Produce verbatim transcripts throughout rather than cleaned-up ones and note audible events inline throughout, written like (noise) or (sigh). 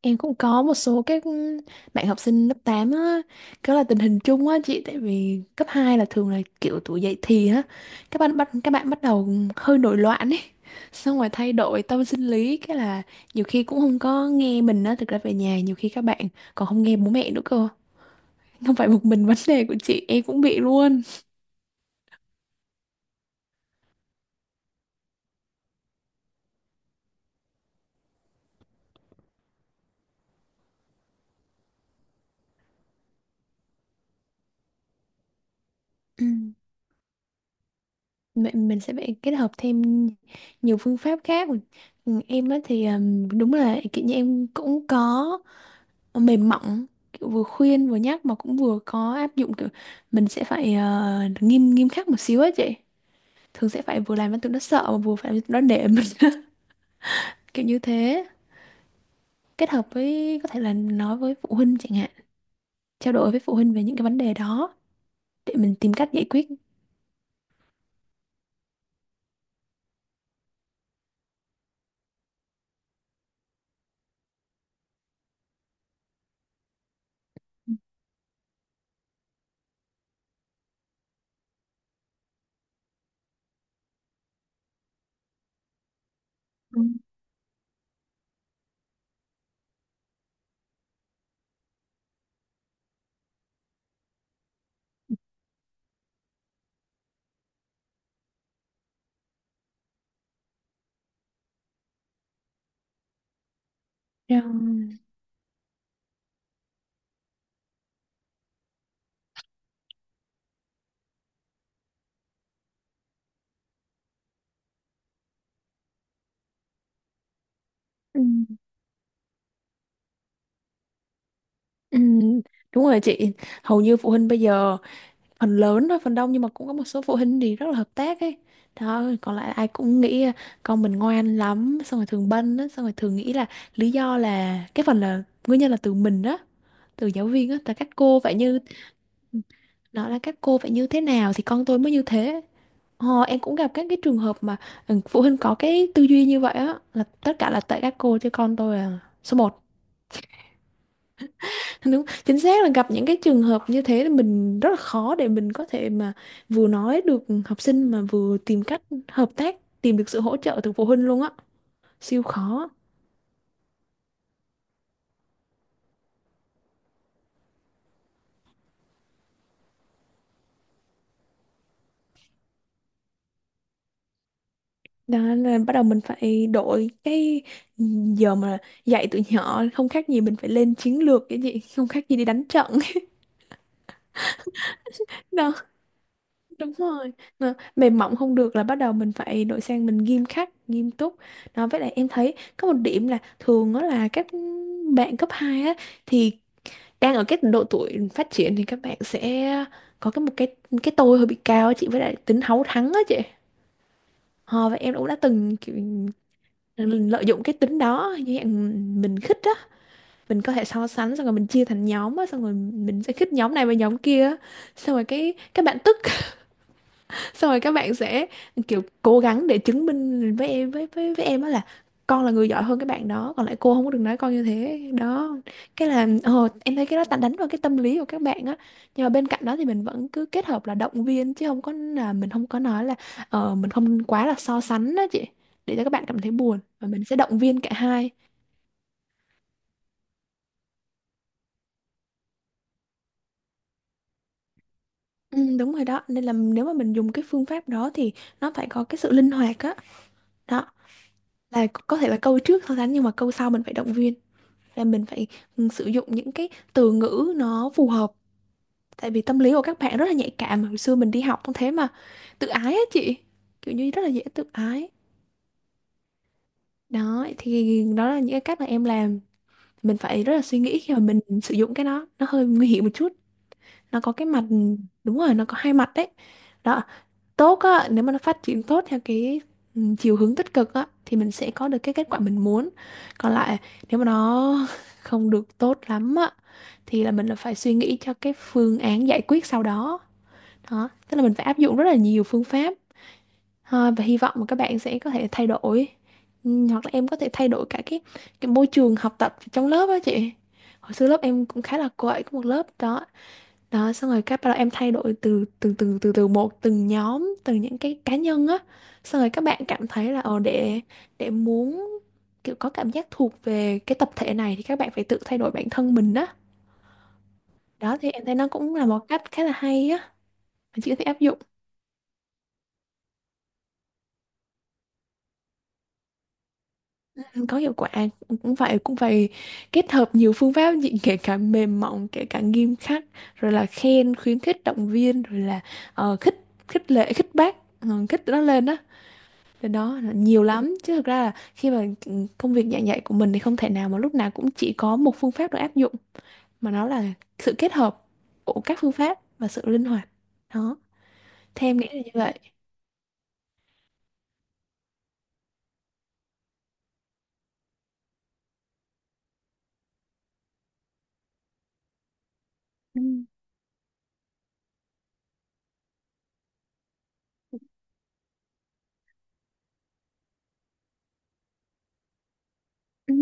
Em cũng có một số các bạn học sinh lớp tám á, đó là tình hình chung á chị, tại vì cấp hai là thường là kiểu tuổi dậy thì á, các bạn bắt các bạn bắt đầu hơi nổi loạn ấy, xong rồi thay đổi tâm sinh lý, cái là nhiều khi cũng không có nghe mình á, thực ra về nhà nhiều khi các bạn còn không nghe bố mẹ nữa cơ, không phải một mình vấn đề của chị, em cũng bị luôn. Ừ. Vậy mình sẽ phải kết hợp thêm nhiều phương pháp khác. Ừ, em á thì ừm, đúng là kiểu như em cũng có mềm mỏng, kiểu vừa khuyên vừa nhắc mà cũng vừa có áp dụng kiểu mình sẽ phải ờ, nghiêm nghiêm khắc một xíu ấy chị, thường sẽ phải vừa làm cho tụi nó sợ mà vừa phải làm cho tụi nó nể mình (laughs) kiểu như thế, kết hợp với có thể là nói với phụ huynh chẳng hạn, trao đổi với phụ huynh về những cái vấn đề đó để mình tìm cách giải quyết. Ừ. Rồi. Ừ. Ừ, đúng rồi chị, hầu như phụ huynh bây giờ, phần lớn thôi, phần đông, nhưng mà cũng có một số phụ huynh thì rất là hợp tác ấy, đó còn lại ai cũng nghĩ à, con mình ngoan lắm, xong rồi thường bênh á, xong rồi thường nghĩ là lý do là cái phần là nguyên nhân là từ mình đó, từ giáo viên á, là các cô phải như nó là các cô phải như thế nào thì con tôi mới như thế. Ờ, em cũng gặp các cái trường hợp mà ừ, phụ huynh có cái tư duy như vậy á, là tất cả là tại các cô chứ con tôi là số một. (laughs) Đúng, chính xác là gặp những cái trường hợp như thế thì mình rất là khó để mình có thể mà vừa nói được học sinh mà vừa tìm cách hợp tác, tìm được sự hỗ trợ từ phụ huynh luôn á, siêu khó. Đó là bắt đầu mình phải đổi cái giờ mà dạy tụi nhỏ không khác gì mình phải lên chiến lược cái gì, không khác gì đi đánh trận. (laughs) Đó, đúng rồi. Mà mềm mỏng không được, là bắt đầu mình phải đổi sang mình nghiêm khắc, nghiêm túc. Đó, với lại em thấy có một điểm là thường đó là các bạn cấp hai á, thì đang ở cái độ tuổi phát triển thì các bạn sẽ có cái một cái cái tôi hơi bị cao á chị, với lại tính háu thắng á chị. Ờ, và em cũng đã từng kiểu, lợi dụng cái tính đó như dạng mình khích á, mình có thể so sánh, xong rồi mình chia thành nhóm á, xong rồi mình sẽ khích nhóm này và nhóm kia á. Xong rồi cái các bạn tức, xong rồi các bạn sẽ kiểu cố gắng để chứng minh với em với với với em á, là con là người giỏi hơn cái bạn đó, còn lại cô không có được nói con như thế đó. Cái là ờ, em thấy cái đó ta đánh vào cái tâm lý của các bạn á, nhưng mà bên cạnh đó thì mình vẫn cứ kết hợp là động viên, chứ không có là mình không có nói là ờ, mình không quá là so sánh đó chị, để cho các bạn cảm thấy buồn, và mình sẽ động viên cả hai. Ừ, đúng rồi đó, nên là nếu mà mình dùng cái phương pháp đó thì nó phải có cái sự linh hoạt á. Đó, là có thể là câu trước so sánh nhưng mà câu sau mình phải động viên, là mình phải ừ, sử dụng những cái từ ngữ nó phù hợp, tại vì tâm lý của các bạn rất là nhạy cảm, hồi xưa mình đi học cũng thế mà, tự ái á chị, kiểu như rất là dễ tự ái. Đó thì đó là những cái cách mà em làm, mình phải rất là suy nghĩ khi mà mình sử dụng cái đó, nó hơi nguy hiểm một chút, nó có cái mặt ừ, đúng rồi, nó có hai mặt đấy. Đó, tốt á, nếu mà nó phát triển tốt theo cái ừ, chiều hướng tích cực á thì mình sẽ có được cái kết quả mình muốn. Còn lại nếu mà nó (laughs) không được tốt lắm á thì là mình là phải suy nghĩ cho cái phương án giải quyết sau đó. Đó, tức là mình phải áp dụng rất là nhiều phương pháp ha, và hy vọng mà các bạn sẽ có thể thay đổi. Ừ, hoặc là em có thể thay đổi cả cái cái môi trường học tập trong lớp á chị. Hồi xưa lớp em cũng khá là quậy, có một lớp đó đó. Xong rồi các bắt đầu em thay đổi từ từ từ từ từ một từng nhóm, từng những cái cá nhân á, xong rồi các bạn cảm thấy là ờ để để muốn kiểu có cảm giác thuộc về cái tập thể này, thì các bạn phải tự thay đổi bản thân mình đó. Đó thì em thấy nó cũng là một cách khá là hay á, mà chị có thể áp dụng. Ừ, có hiệu quả, cũng phải cũng phải kết hợp nhiều phương pháp chị, kể cả mềm mỏng kể cả nghiêm khắc, rồi là khen khuyến khích động viên, rồi là ờ, khích khích lệ khích bác ờ, khích nó lên đó. Đó, đó là nhiều lắm chứ, thực ra là khi mà ừ, công việc giảng dạy của mình thì không thể nào mà lúc nào cũng chỉ có một phương pháp được áp dụng, mà nó là sự kết hợp của các phương pháp và sự linh hoạt. Đó, theo em nghĩ là như vậy. Ừ, ừ,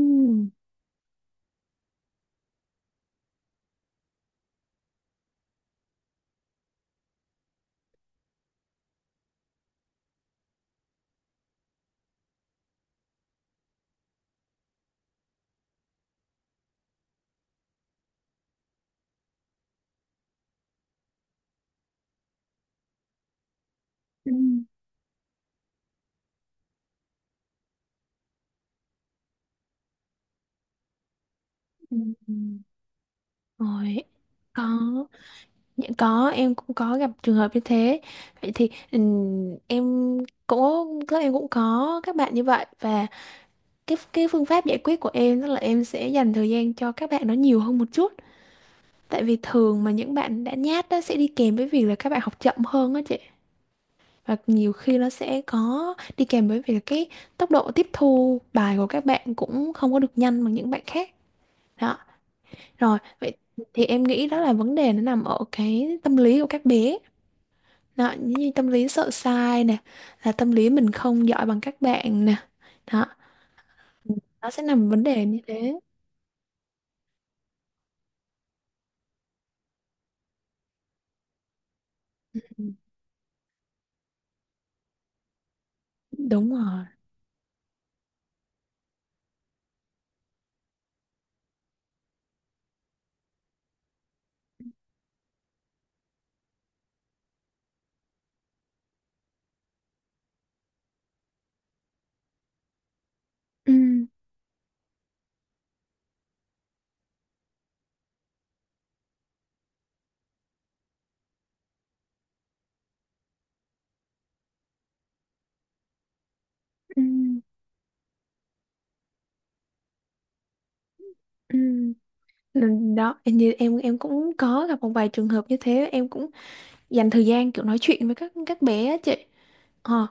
ừ, ừ. Rồi có những có em cũng có gặp trường hợp như thế. Vậy thì ừm, em cũng các em cũng có các bạn như vậy, và cái cái phương pháp giải quyết của em đó là em sẽ dành thời gian cho các bạn nó nhiều hơn một chút. Tại vì thường mà những bạn đã nhát đó sẽ đi kèm với việc là các bạn học chậm hơn á chị. Và nhiều khi nó sẽ có đi kèm với việc là cái tốc độ tiếp thu bài của các bạn cũng không có được nhanh bằng những bạn khác. Đó. Rồi, vậy thì em nghĩ đó là vấn đề nó nằm ở cái tâm lý của các bé. Đó, như tâm lý sợ sai nè, là tâm lý mình không giỏi bằng các bạn nè. Đó, nó sẽ nằm vấn đề như thế. Ừ, đúng rồi. Ừ, ừ, ừ. Nên đó em như em em cũng có gặp một vài trường hợp như thế, em cũng dành thời gian kiểu nói chuyện với các các bé á chị, ờ,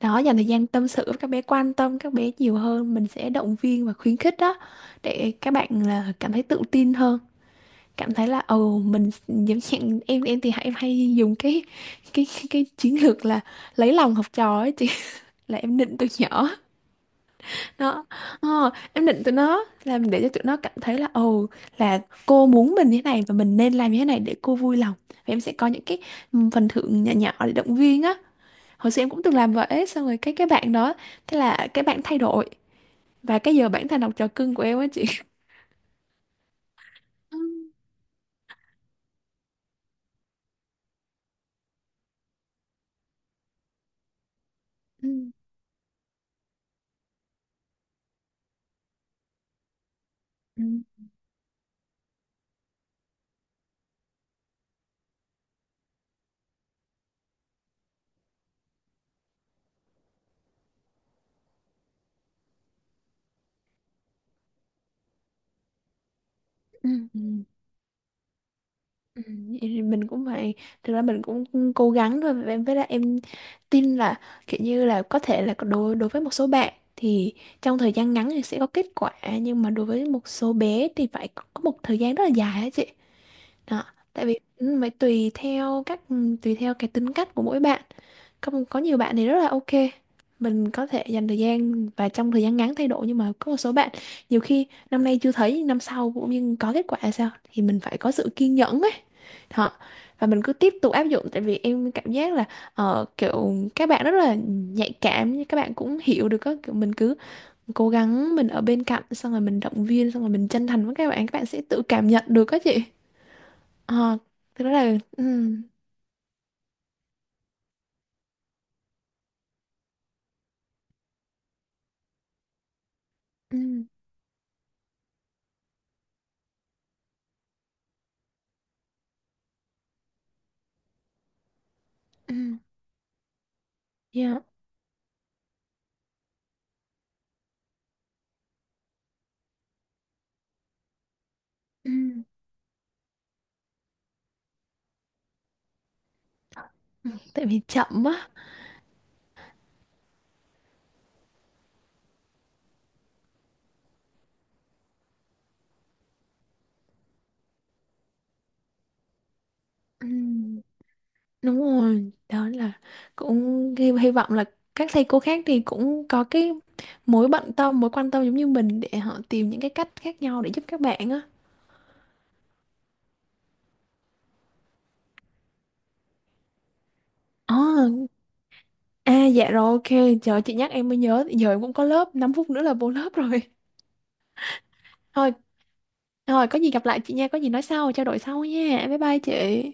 đó dành thời gian tâm sự với các bé, quan tâm các bé nhiều hơn, mình sẽ động viên và khuyến khích đó, để các bạn là cảm thấy tự tin hơn, cảm thấy là ồ mình giống như em em thì hay hay dùng cái cái cái, cái chiến lược là lấy lòng học trò ấy chị, (laughs) là em nịnh từ nhỏ. Đó. Ờ, em định tụi nó làm để cho tụi nó cảm thấy là ồ, là cô muốn mình như thế này và mình nên làm như thế này để cô vui lòng. Và em sẽ có những cái ừ, phần thưởng nhỏ nhỏ để động viên á. Hồi xưa em cũng từng làm vậy, xong rồi cái cái bạn đó, thế là cái bạn thay đổi, và cái giờ bản thành đọc trò cưng của em á chị. Ừ, ừ, ừ, ừ. Ừ, vậy thì mình cũng vậy, thực ra mình cũng cố gắng thôi em, với lại em tin là kiểu như là có thể là đối đối với một số bạn thì trong thời gian ngắn thì sẽ có kết quả, nhưng mà đối với một số bé thì phải có có một thời gian rất là dài á chị đó. Tại vì ừ, phải tùy theo các tùy theo cái tính cách của mỗi bạn, có có nhiều bạn thì rất là ok, mình có thể dành thời gian và trong thời gian ngắn thay đổi, nhưng mà có một số bạn nhiều khi năm nay chưa thấy, năm sau cũng như có kết quả là sao, thì mình phải có sự kiên nhẫn ấy. Hả? Và mình cứ tiếp tục áp dụng, tại vì em cảm giác là ờ, kiểu các bạn rất là nhạy cảm, nhưng các bạn cũng hiểu được, các kiểu mình cứ cố gắng, mình ở bên cạnh, xong rồi mình động viên, xong rồi mình chân thành với các bạn, các bạn sẽ tự cảm nhận được các chị. Ờ, thực ra là ừ, ừ, ừ, yeah, ừ, tại vì chậm á. Ừ, đúng rồi. Đó là, cũng hy hy vọng là các thầy cô khác thì cũng có cái mối bận tâm, mối quan tâm giống như mình, để họ tìm những cái cách khác nhau để giúp các bạn á. À, à, dạ rồi, ok. Trời chị nhắc em mới nhớ, giờ em cũng có lớp năm phút nữa là vô lớp rồi. (laughs) Thôi, thôi, có gì gặp lại chị nha. Có gì nói sau, trao đổi sau nha. Bye bye chị.